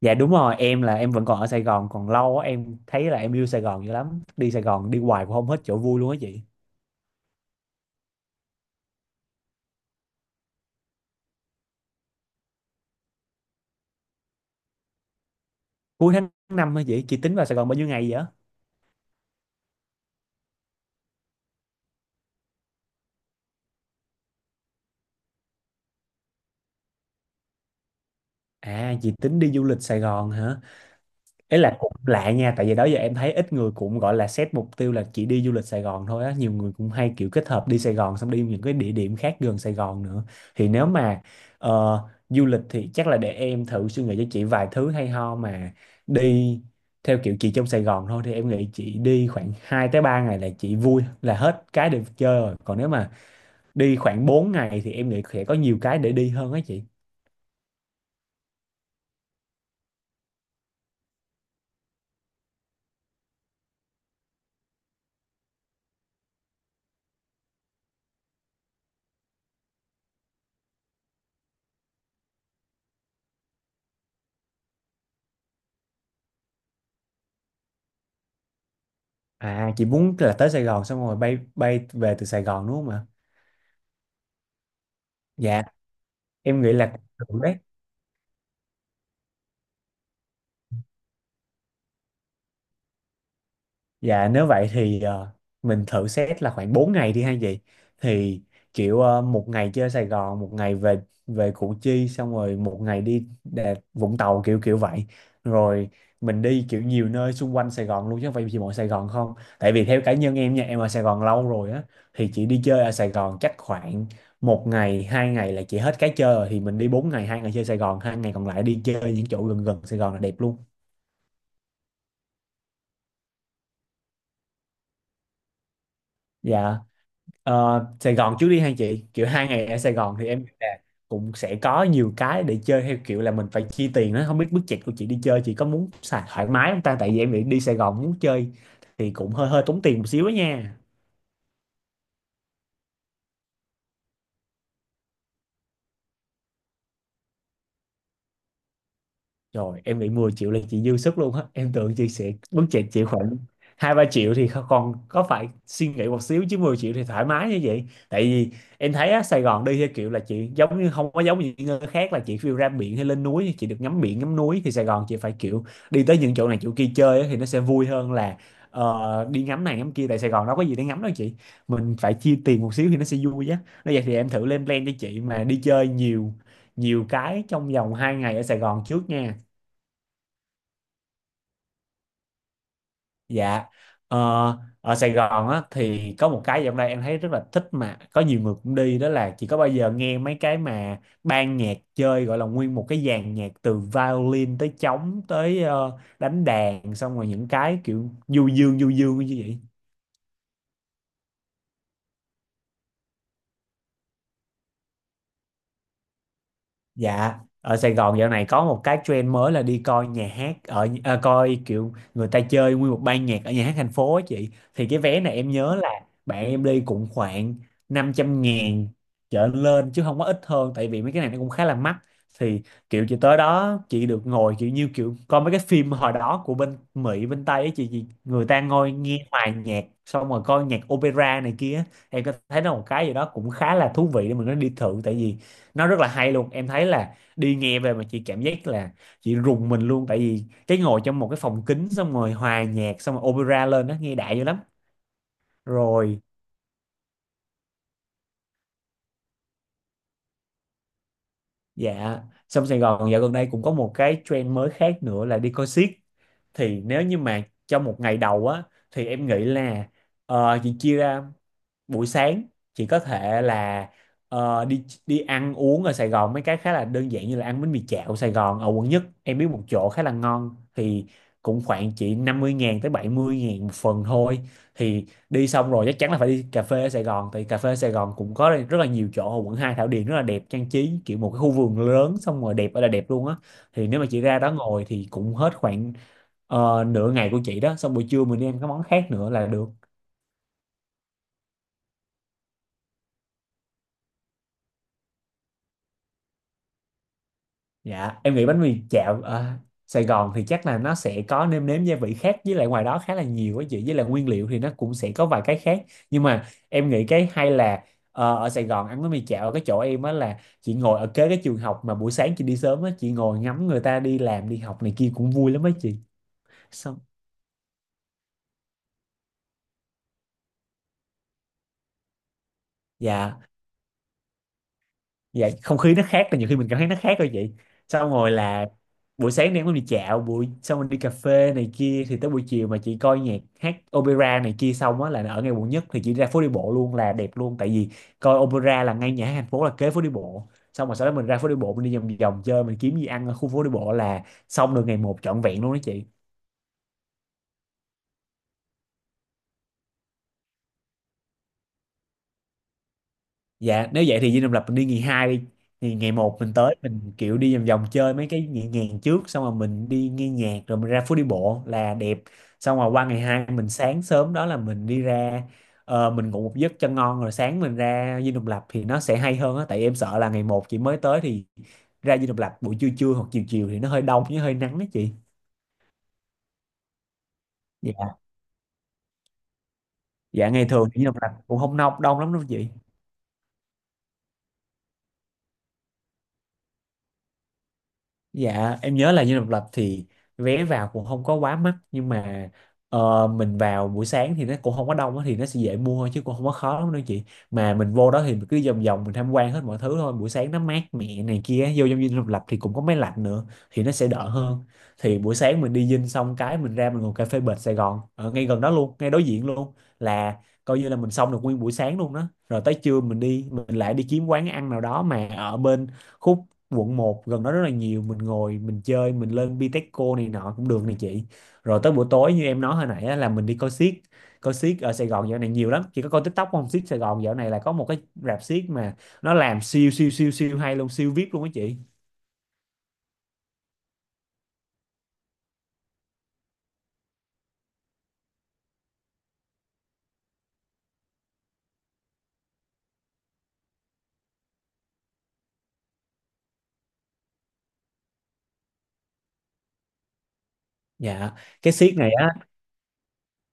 Dạ đúng rồi, em là em vẫn còn ở Sài Gòn còn lâu á. Em thấy là em yêu Sài Gòn dữ lắm. Đi Sài Gòn đi hoài cũng không hết chỗ vui luôn á chị. Cuối tháng 5 hả chị? Chị tính vào Sài Gòn bao nhiêu ngày vậy? À, chị tính đi du lịch Sài Gòn hả? Ý là cũng lạ nha, tại vì đó giờ em thấy ít người cũng gọi là set mục tiêu là chỉ đi du lịch Sài Gòn thôi á. Nhiều người cũng hay kiểu kết hợp đi Sài Gòn xong đi những cái địa điểm khác gần Sài Gòn nữa. Thì nếu mà ờ, du lịch thì chắc là để em thử suy nghĩ cho chị vài thứ hay ho, mà đi theo kiểu chị trong Sài Gòn thôi thì em nghĩ chị đi khoảng 2 tới 3 ngày là chị vui là hết cái để chơi rồi. Còn nếu mà đi khoảng 4 ngày thì em nghĩ sẽ có nhiều cái để đi hơn á chị. À, chị muốn là tới Sài Gòn xong rồi bay bay về từ Sài Gòn đúng không ạ? Dạ. Em nghĩ là thử đấy. Dạ, nếu vậy thì mình thử xét là khoảng 4 ngày đi hay gì, thì kiểu một ngày chơi Sài Gòn, một ngày về về Củ Chi, xong rồi một ngày đi Vũng Tàu kiểu kiểu vậy. Rồi mình đi kiểu nhiều nơi xung quanh Sài Gòn luôn chứ không phải chỉ mỗi Sài Gòn không, tại vì theo cá nhân em nha, em ở Sài Gòn lâu rồi á, thì chỉ đi chơi ở Sài Gòn chắc khoảng một ngày hai ngày là chỉ hết cái chơi rồi, thì mình đi 4 ngày, hai ngày chơi Sài Gòn, hai ngày còn lại đi chơi những chỗ gần gần Sài Gòn là đẹp luôn. Dạ. Ờ, Sài Gòn trước đi hai chị kiểu hai ngày ở Sài Gòn thì em nghĩ là cũng sẽ có nhiều cái để chơi, theo kiểu là mình phải chi tiền đó, không biết budget của chị đi chơi chị có muốn xài thoải mái không ta, tại vì em nghĩ đi Sài Gòn muốn chơi thì cũng hơi hơi tốn tiền một xíu đó nha. Rồi em bị 10 triệu là chị dư sức luôn á. Em tưởng chị sẽ bước chạy chị khoảng 2-3 triệu thì còn có phải suy nghĩ một xíu, chứ 10 triệu thì thoải mái như vậy. Tại vì em thấy á, Sài Gòn đi theo kiểu là chị giống như không có giống như những nơi khác là chị phiêu ra biển hay lên núi, chị được ngắm biển ngắm núi. Thì Sài Gòn chị phải kiểu đi tới những chỗ này chỗ kia chơi á, thì nó sẽ vui hơn là đi ngắm này ngắm kia. Tại Sài Gòn đâu có gì để ngắm đâu chị. Mình phải chia tiền một xíu thì nó sẽ vui á. Nói vậy thì em thử lên plan cho chị mà đi chơi nhiều nhiều cái trong vòng 2 ngày ở Sài Gòn trước nha. Dạ. Ờ, ở Sài Gòn á thì có một cái dạo này em thấy rất là thích mà có nhiều người cũng đi, đó là chỉ có bao giờ nghe mấy cái mà ban nhạc chơi gọi là nguyên một cái dàn nhạc từ violin tới trống tới đánh đàn, xong rồi những cái kiểu du dương như vậy. Dạ, ở Sài Gòn dạo này có một cái trend mới là đi coi nhà hát, coi kiểu người ta chơi nguyên một ban nhạc ở nhà hát thành phố á chị. Thì cái vé này em nhớ là bạn em đi cũng khoảng 500.000 trở lên chứ không có ít hơn, tại vì mấy cái này nó cũng khá là mắc. Thì kiểu chị tới đó chị được ngồi kiểu như kiểu coi mấy cái phim hồi đó của bên Mỹ bên Tây ấy chị, người ta ngồi nghe hòa nhạc xong rồi coi nhạc opera này kia. Em có thấy nó một cái gì đó cũng khá là thú vị để mình nó đi thử, tại vì nó rất là hay luôn. Em thấy là đi nghe về mà chị cảm giác là chị rùng mình luôn, tại vì cái ngồi trong một cái phòng kính xong rồi hòa nhạc xong rồi opera lên đó nghe đại dữ lắm. Rồi. Dạ. Xong Sài Gòn dạo gần đây cũng có một cái trend mới khác nữa là đi coi xiếc. Thì nếu như mà trong một ngày đầu á thì em nghĩ là chị chia ra, buổi sáng chị có thể là đi đi ăn uống ở Sài Gòn mấy cái khá là đơn giản, như là ăn bánh mì chảo Sài Gòn ở quận nhất, em biết một chỗ khá là ngon, thì cũng khoảng chỉ 50.000 tới 70.000 một phần thôi. Thì đi xong rồi chắc chắn là phải đi cà phê ở Sài Gòn, tại cà phê ở Sài Gòn cũng có rất là nhiều chỗ ở quận Hai, Thảo Điền rất là đẹp, trang trí kiểu một cái khu vườn lớn xong rồi đẹp ở là đẹp luôn á. Thì nếu mà chị ra đó ngồi thì cũng hết khoảng nửa ngày của chị đó, xong buổi trưa mình đi ăn cái món khác nữa là được. Dạ, em nghĩ bánh mì chảo ở Sài Gòn thì chắc là nó sẽ có nêm nếm gia vị khác với lại ngoài đó khá là nhiều á chị, với lại nguyên liệu thì nó cũng sẽ có vài cái khác, nhưng mà em nghĩ cái hay là ở Sài Gòn ăn bánh mì chảo ở cái chỗ em á là chị ngồi ở kế cái trường học, mà buổi sáng chị đi sớm á, chị ngồi ngắm người ta đi làm đi học này kia cũng vui lắm á chị. Xong. Dạ. Dạ, không khí nó khác, là nhiều khi mình cảm thấy nó khác thôi vậy. Xong rồi là buổi sáng đang muốn đi dạo buổi xong rồi đi cà phê này kia, thì tới buổi chiều mà chị coi nhạc hát opera này kia xong á là ở ngay quận nhất thì chị ra phố đi bộ luôn là đẹp luôn, tại vì coi opera là ngay nhà hát thành phố là kế phố đi bộ, xong rồi sau đó mình ra phố đi bộ mình đi vòng vòng chơi mình kiếm gì ăn ở khu phố đi bộ là xong được ngày một trọn vẹn luôn đó chị. Dạ nếu vậy thì Dinh Độc Lập mình đi ngày hai đi, thì ngày một mình tới mình kiểu đi vòng vòng chơi mấy cái nhẹ nhàng trước xong rồi mình đi nghe nhạc rồi mình ra phố đi bộ là đẹp. Xong rồi qua ngày hai mình sáng sớm đó là mình đi ra, mình ngủ một giấc cho ngon rồi sáng mình ra Dinh Độc Lập thì nó sẽ hay hơn á, tại em sợ là ngày một chị mới tới thì ra Dinh Độc Lập buổi trưa trưa hoặc chiều chiều thì nó hơi đông với hơi nắng đó chị. Dạ. Dạ, ngày thường thì Dinh Độc Lập cũng không đông lắm đâu chị. Dạ em nhớ là Dinh Độc Lập thì vé vào cũng không có quá mắc, nhưng mà mình vào buổi sáng thì nó cũng không có đông á, thì nó sẽ dễ mua thôi chứ cũng không có khó lắm đâu chị. Mà mình vô đó thì mình cứ vòng vòng mình tham quan hết mọi thứ thôi, buổi sáng nó mát mẻ này kia, vô trong Dinh Độc Lập thì cũng có máy lạnh nữa thì nó sẽ đỡ hơn. Thì buổi sáng mình đi Dinh xong cái mình ra mình ngồi cà phê bệt Sài Gòn ở ngay gần đó luôn, ngay đối diện luôn, là coi như là mình xong được nguyên buổi sáng luôn đó. Rồi tới trưa mình đi mình lại đi kiếm quán ăn nào đó mà ở bên khúc quận một gần đó rất là nhiều, mình ngồi mình chơi mình lên Bitexco này nọ cũng được này chị. Rồi tới buổi tối như em nói hồi nãy á, là mình đi coi xiếc. Coi xiếc ở Sài Gòn dạo này nhiều lắm, chị có coi TikTok không? Xiếc Sài Gòn dạo này là có một cái rạp xiếc mà nó làm siêu siêu siêu siêu hay luôn, siêu VIP luôn á chị. Dạ. cái xiếc này á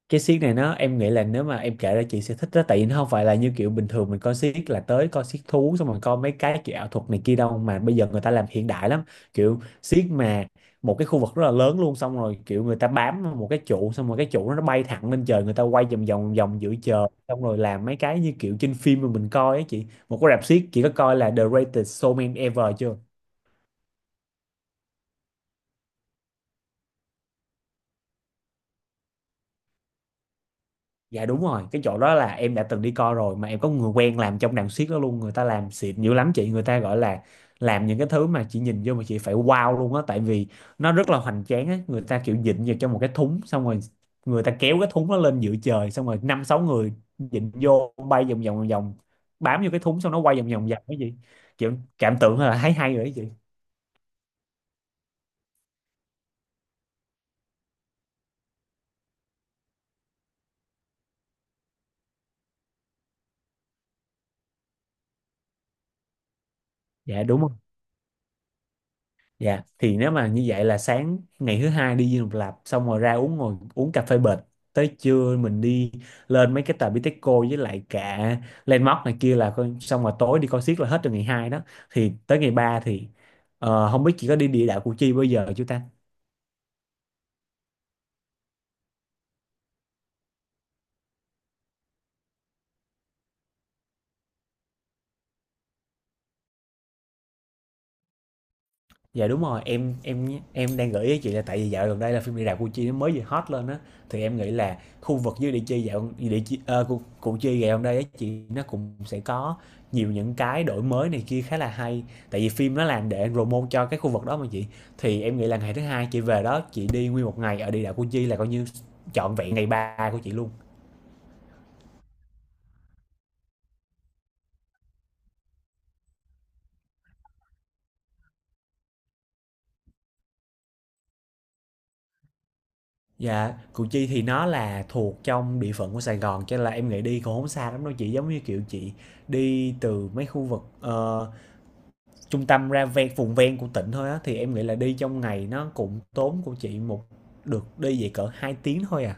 cái xiếc này nó em nghĩ là nếu mà em kể ra chị sẽ thích đó, tại vì nó không phải là như kiểu bình thường mình coi xiếc là tới coi xiếc thú xong rồi coi mấy cái kiểu ảo thuật này kia đâu mà bây giờ người ta làm hiện đại lắm. Kiểu xiếc mà một cái khu vực rất là lớn luôn, xong rồi kiểu người ta bám vào một cái trụ, xong rồi cái trụ đó nó bay thẳng lên trời, người ta quay vòng vòng vòng giữa trời, xong rồi làm mấy cái như kiểu trên phim mà mình coi á chị. Một cái rạp xiếc, chị có coi là The Greatest Showman Ever chưa? Dạ đúng rồi, cái chỗ đó là em đã từng đi coi rồi, mà em có người quen làm trong đàn xiếc đó luôn, người ta làm xịn dữ lắm chị, người ta gọi là làm những cái thứ mà chị nhìn vô mà chị phải wow luôn á, tại vì nó rất là hoành tráng á, người ta kiểu dịnh vào trong một cái thúng xong rồi người ta kéo cái thúng nó lên giữa trời, xong rồi 5-6 người dịnh vô bay vòng vòng vòng vòng bám vô cái thúng, xong nó quay vòng vòng vòng cái gì. Kiểu cảm tưởng là thấy hay rồi đó chị. Dạ đúng rồi. Dạ, thì nếu mà như vậy là sáng ngày thứ hai đi Dinh Độc Lập, xong rồi ra uống ngồi uống cà phê bệt tới trưa mình đi lên mấy cái tòa Bitexco với lại cả Landmark này kia, là coi xong rồi tối đi coi xiếc là hết từ ngày 2 đó. Thì tới ngày 3 thì không biết chị có đi địa đạo Củ Chi bao giờ chưa ta? Dạ đúng rồi, em đang gợi ý chị là tại vì dạo gần đây là phim "Địa đạo Củ Chi" nó mới vừa hot lên á, thì em nghĩ là khu vực dưới Địa Chi dạo Địa Chi ờ, Củ, Củ Chi dạo gần đây á chị nó cũng sẽ có nhiều những cái đổi mới này kia khá là hay. Tại vì phim nó làm để promote cho cái khu vực đó mà chị. Thì em nghĩ là ngày thứ hai chị về đó, chị đi nguyên một ngày ở Địa đạo Củ Chi là coi như trọn vẹn ngày 3 của chị luôn. Dạ, Củ Chi thì nó là thuộc trong địa phận của Sài Gòn, cho nên là em nghĩ đi cũng không xa lắm đâu chị, giống như kiểu chị đi từ mấy khu vực trung tâm ra ven vùng ven của tỉnh thôi á, thì em nghĩ là đi trong ngày nó cũng tốn của chị một được đi về cỡ 2 tiếng thôi à.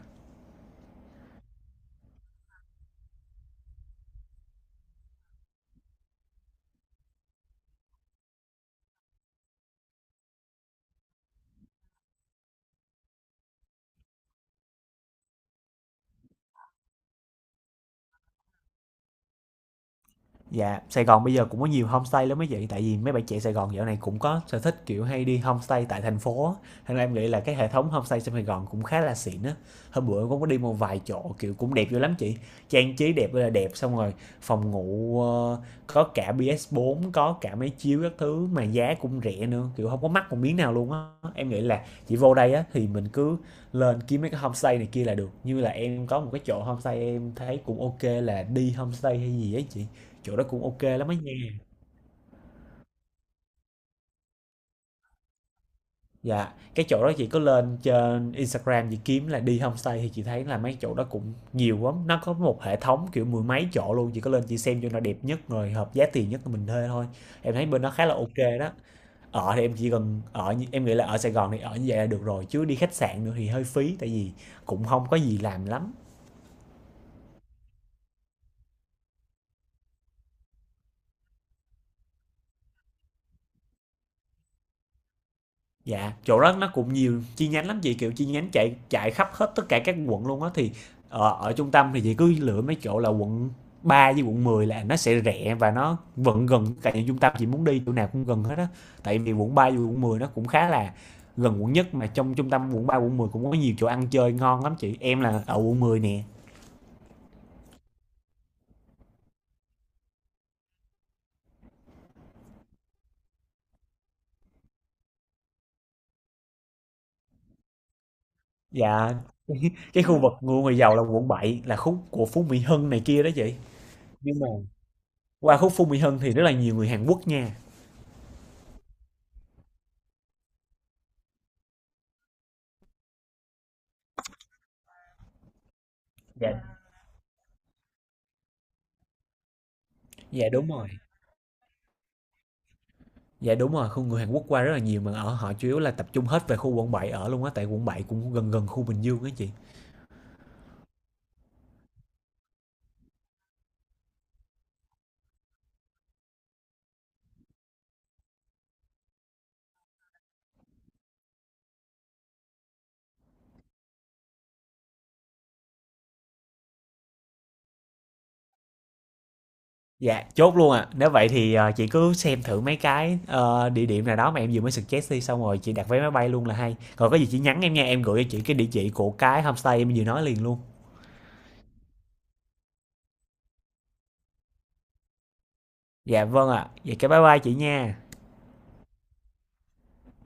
Dạ, Sài Gòn bây giờ cũng có nhiều homestay lắm mấy chị, tại vì mấy bạn trẻ Sài Gòn dạo này cũng có sở thích, kiểu, hay đi homestay tại thành phố á, thành ra em nghĩ là cái hệ thống homestay trong Sài Gòn cũng khá là xịn á. Hôm bữa cũng có đi một vài chỗ, kiểu, cũng đẹp vô lắm chị, trang trí đẹp ơi là đẹp, xong rồi phòng ngủ, có cả PS4, có cả máy chiếu các thứ mà giá cũng rẻ nữa, kiểu, không có mắc một miếng nào luôn á. Em nghĩ là chị vô đây á thì mình cứ lên kiếm mấy cái homestay này kia là được, như là em có một cái chỗ homestay em thấy cũng ok là Đi Homestay hay gì ấy chị. Chỗ đó cũng ok lắm ấy nha. Dạ, cái chỗ đó chị có lên trên Instagram chị kiếm là đi homestay thì chị thấy là mấy chỗ đó cũng nhiều lắm, nó có một hệ thống, kiểu, mười mấy chỗ luôn, chị có lên chị xem chỗ nào đẹp nhất rồi hợp giá tiền nhất của mình thuê thôi. Em thấy bên đó khá là ok đó. Ở thì em chỉ cần ở như em nghĩ là ở Sài Gòn thì ở như vậy là được rồi, chứ đi khách sạn nữa thì hơi phí tại vì cũng không có gì làm lắm. Dạ, chỗ đó nó cũng nhiều chi nhánh lắm chị, kiểu, chi nhánh chạy chạy khắp hết tất cả các quận luôn á, thì, ở ở trung tâm thì chị cứ lựa mấy chỗ là Quận 3 với Quận 10 là nó sẽ rẻ và nó vẫn gần tất cả những trung tâm chị muốn đi, chỗ nào cũng gần hết á. Tại vì Quận 3 với quận 10 nó cũng khá là gần quận nhất, mà trong trung tâm Quận 3 Quận 10 cũng có nhiều chỗ ăn chơi ngon lắm chị. Em là ở Quận 10 nè. Dạ, cái khu vực của người giàu là Quận 7 là khúc của Phú Mỹ Hưng này kia đó chị. Nhưng mà qua khúc Phú Mỹ Hưng thì rất là nhiều người Hàn Quốc nha. Dạ, dạ đúng rồi. Dạ đúng rồi, khu người Hàn Quốc qua rất là nhiều mà ở họ chủ yếu là tập trung hết về khu Quận 7 ở luôn á, tại Quận 7 cũng gần gần khu Bình Dương á chị. Dạ, chốt luôn À. Nếu vậy thì chị cứ xem thử mấy cái địa điểm nào đó mà em vừa mới suggest đi xong rồi chị đặt vé máy bay luôn là hay. Còn có gì chị nhắn em nha, em gửi cho chị cái địa chỉ của cái homestay em vừa nói liền luôn. Dạ vâng ạ. Vậy cái bye bye chị nha.